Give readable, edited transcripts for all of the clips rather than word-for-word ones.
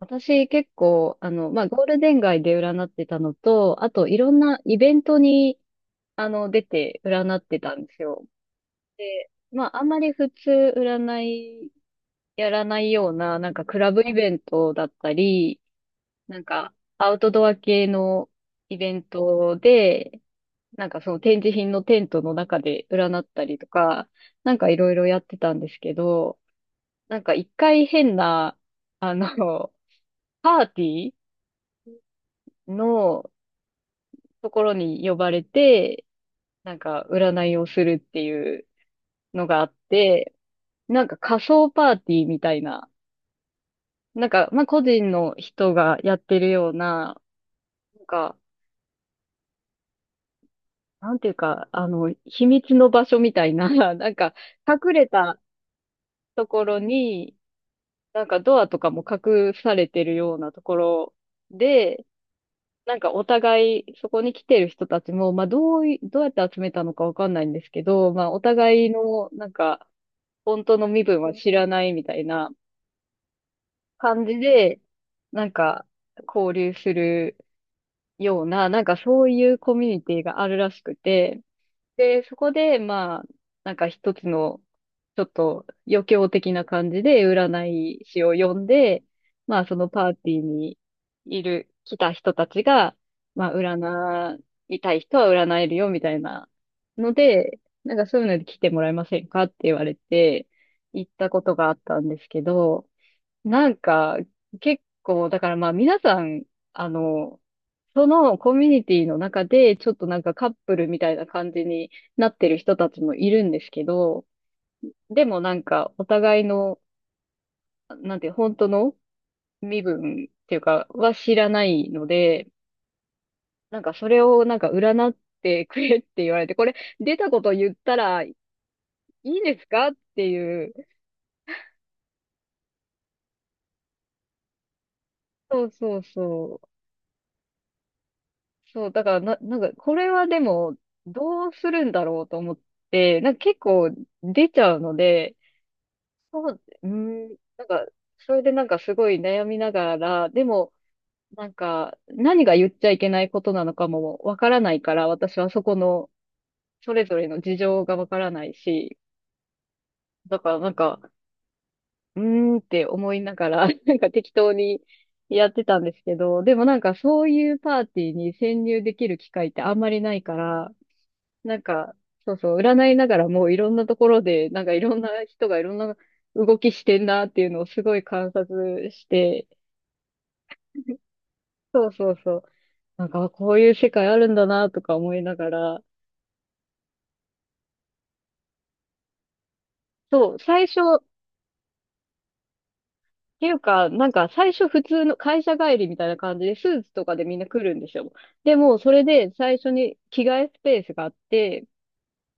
私結構、ゴールデン街で占ってたのと、あといろんなイベントに、出て占ってたんですよ。で、あんまり普通占いやらないような、クラブイベントだったり、アウトドア系のイベントで、その展示品のテントの中で占ったりとか、いろいろやってたんですけど、なんか一回変な、あの、パーティーの、ところに呼ばれて、なんか占いをするっていうのがあって、なんか仮想パーティーみたいな、個人の人がやってるような、なんか、なんていうか、あの、秘密の場所みたいな、なんか、隠れたところに、なんかドアとかも隠されてるようなところで、なんかお互い、そこに来てる人たちも、まあ、どうやって集めたのかわかんないんですけど、まあ、お互いの、本当の身分は知らないみたいな感じで、なんか、交流するような、なんかそういうコミュニティがあるらしくて、で、そこで、なんか一つの、ちょっと余興的な感じで、占い師を呼んで、まあ、そのパーティーにいる、来た人たちが、まあ、占いたい人は占えるよ、みたいなので、なんかそういうので来てもらえませんかって言われて、行ったことがあったんですけど、なんか、結構、だからまあ皆さん、あの、そのコミュニティの中で、ちょっとなんかカップルみたいな感じになってる人たちもいるんですけど、でもなんかお互いの、なんて、本当の身分っていうか、は知らないので、なんかそれをなんか占ってくれって言われて、これ出たこと言ったらいいですかっていう、そうそうそう。そう、だからな、なんか、これはでも、どうするんだろうと思って、なんか結構出ちゃうので、そう、うーん、なんか、それでなんかすごい悩みながら、でも、何が言っちゃいけないことなのかもわからないから、私はそこの、それぞれの事情がわからないし、だからなんか、うーんって思いながら、なんか適当にやってたんですけど、でもなんかそういうパーティーに潜入できる機会ってあんまりないから、なんか、そうそう、占いながらもういろんなところで、なんかいろんな人がいろんな動きしてんなっていうのをすごい観察して、そうそうそう、なんかあこういう世界あるんだなとか思いながら、そう、最初、っていうか、なんか最初普通の会社帰りみたいな感じでスーツとかでみんな来るんですよ。でも、それで最初に着替えスペースがあって、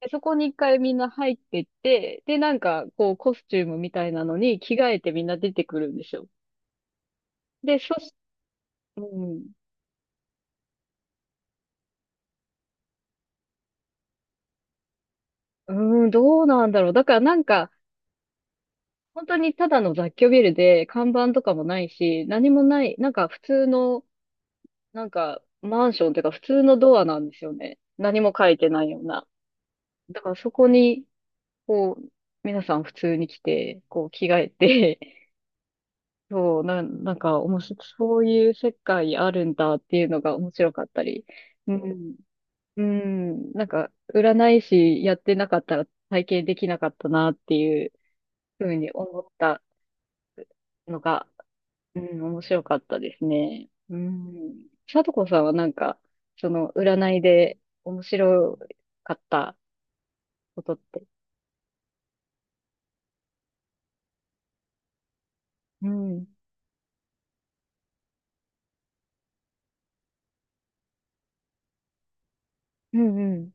でそこに一回みんな入ってって、で、なんかこうコスチュームみたいなのに着替えてみんな出てくるんですよ。で、そし、うん。うーん、どうなんだろう。だからなんか、本当にただの雑居ビルで、看板とかもないし、何もない、なんか普通の、なんかマンションっていうか普通のドアなんですよね。何も書いてないような。だからそこに、こう、皆さん普通に来て、こう着替えて、なんか面白い、そういう世界あるんだっていうのが面白かったり。うん。うん。なんか、占い師やってなかったら体験できなかったなっていうふうに思った。のが、うん、面白かったですね。うん。さとこさんはなんか、その、占いで面白かったことって。うん。うん、うん、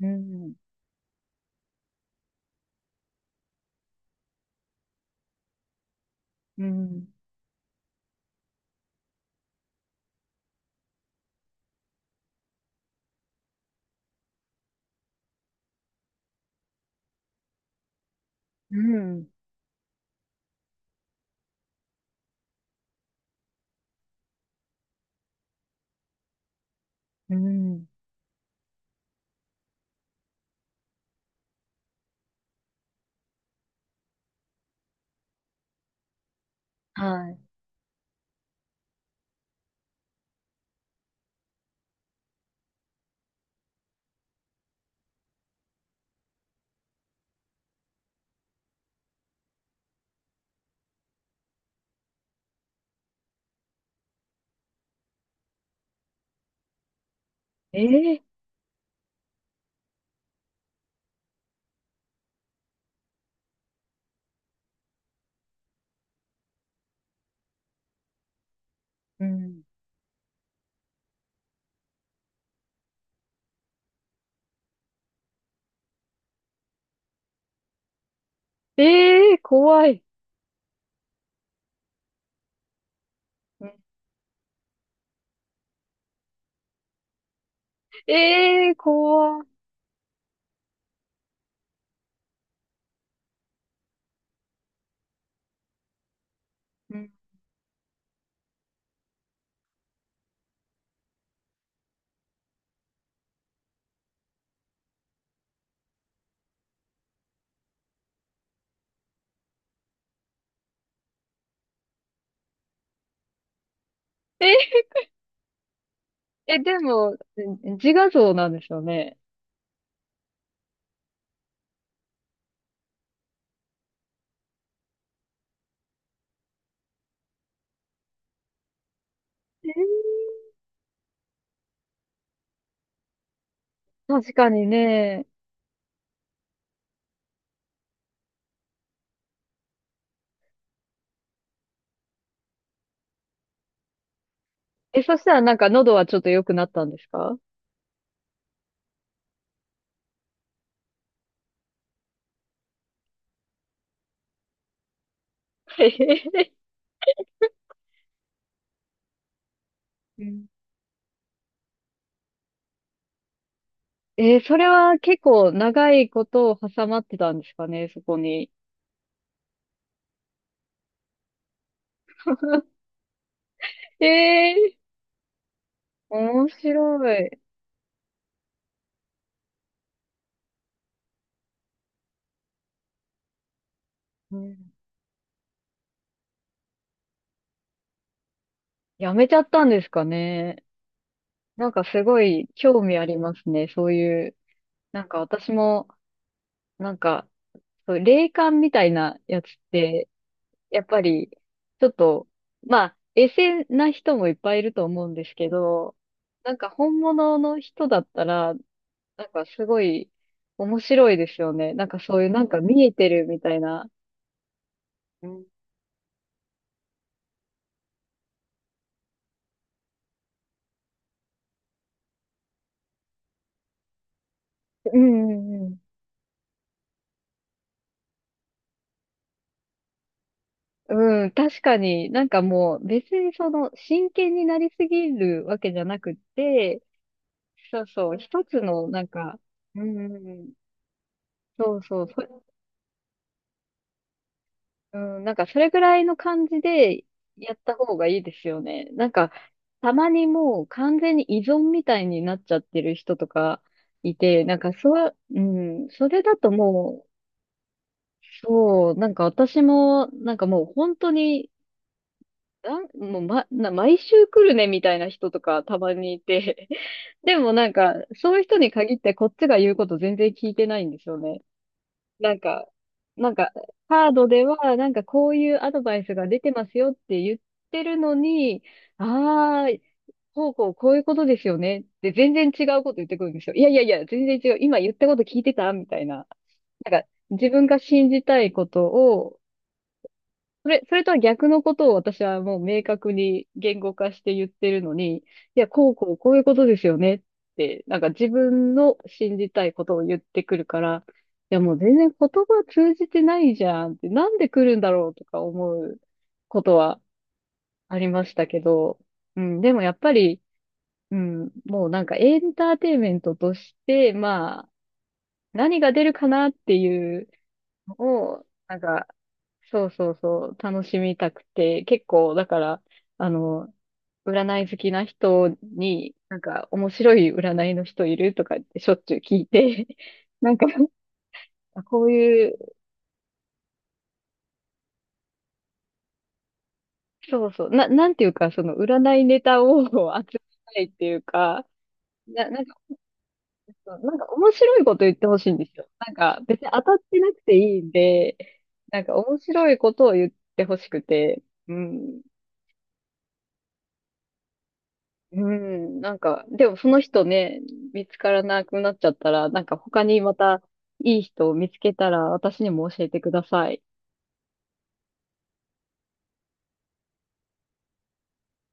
うん、うん、うん、うん。はい。ええうん。ええ怖い。うんええー怖い。うんえ、え、でも、自画像なんですよね。えー確かにね。え、そしたらなんか喉はちょっと良くなったんですか。えへへ えーそれは結構長いことを挟まってたんですかね、そこに。ええー面白い、うん。やめちゃったんですかね。なんかすごい興味ありますね、そういう。なんか私も、なんか、そう霊感みたいなやつって、やっぱり、ちょっと、まあ、エセな人もいっぱいいると思うんですけど、なんか本物の人だったら、なんかすごい面白いですよね。なんかそういうなんか見えてるみたいな。うんうんうんうん。うん、確かになんかもう別にその真剣になりすぎるわけじゃなくって、そうそう、一つのなんか、うんうんうん、そうそう、そ、うん、なんかそれぐらいの感じでやった方がいいですよね。なんかたまにもう完全に依存みたいになっちゃってる人とかいて、それだともうそう、なんか私も、なんかもう本当に、なんもうま、な、毎週来るねみたいな人とかたまにいて、でもなんか、そういう人に限ってこっちが言うこと全然聞いてないんですよね。なんか、なんか、カードでは、なんかこういうアドバイスが出てますよって言ってるのに、ああ、こういうことですよねって全然違うこと言ってくるんですよ。いやいやいや、全然違う。今言ったこと聞いてたみたいな。なんか、自分が信じたいことを、それ、それとは逆のことを私はもう明確に言語化して言ってるのに、こういうことですよねって、なんか自分の信じたいことを言ってくるから、いや、もう全然言葉通じてないじゃんって、なんで来るんだろうとか思うことはありましたけど、うん、でもやっぱり、うん、もうなんかエンターテインメントとして、まあ、何が出るかなっていう、を、そうそうそう、楽しみたくて、結構、だから、あの、占い好きな人に、なんか、面白い占いの人いるとかってしょっちゅう聞いて、なんか、あこういう、そうそう、な、なんていうか、その、占いネタを 集めたいっていうか、な、なんか、そうなんか面白いこと言ってほしいんですよ。なんか、別に当たってなくていいんで、なんか面白いことを言ってほしくて、うん。うん、なんか、でもその人ね、見つからなくなっちゃったら、なんか他にまたいい人を見つけたら私にも教えてください。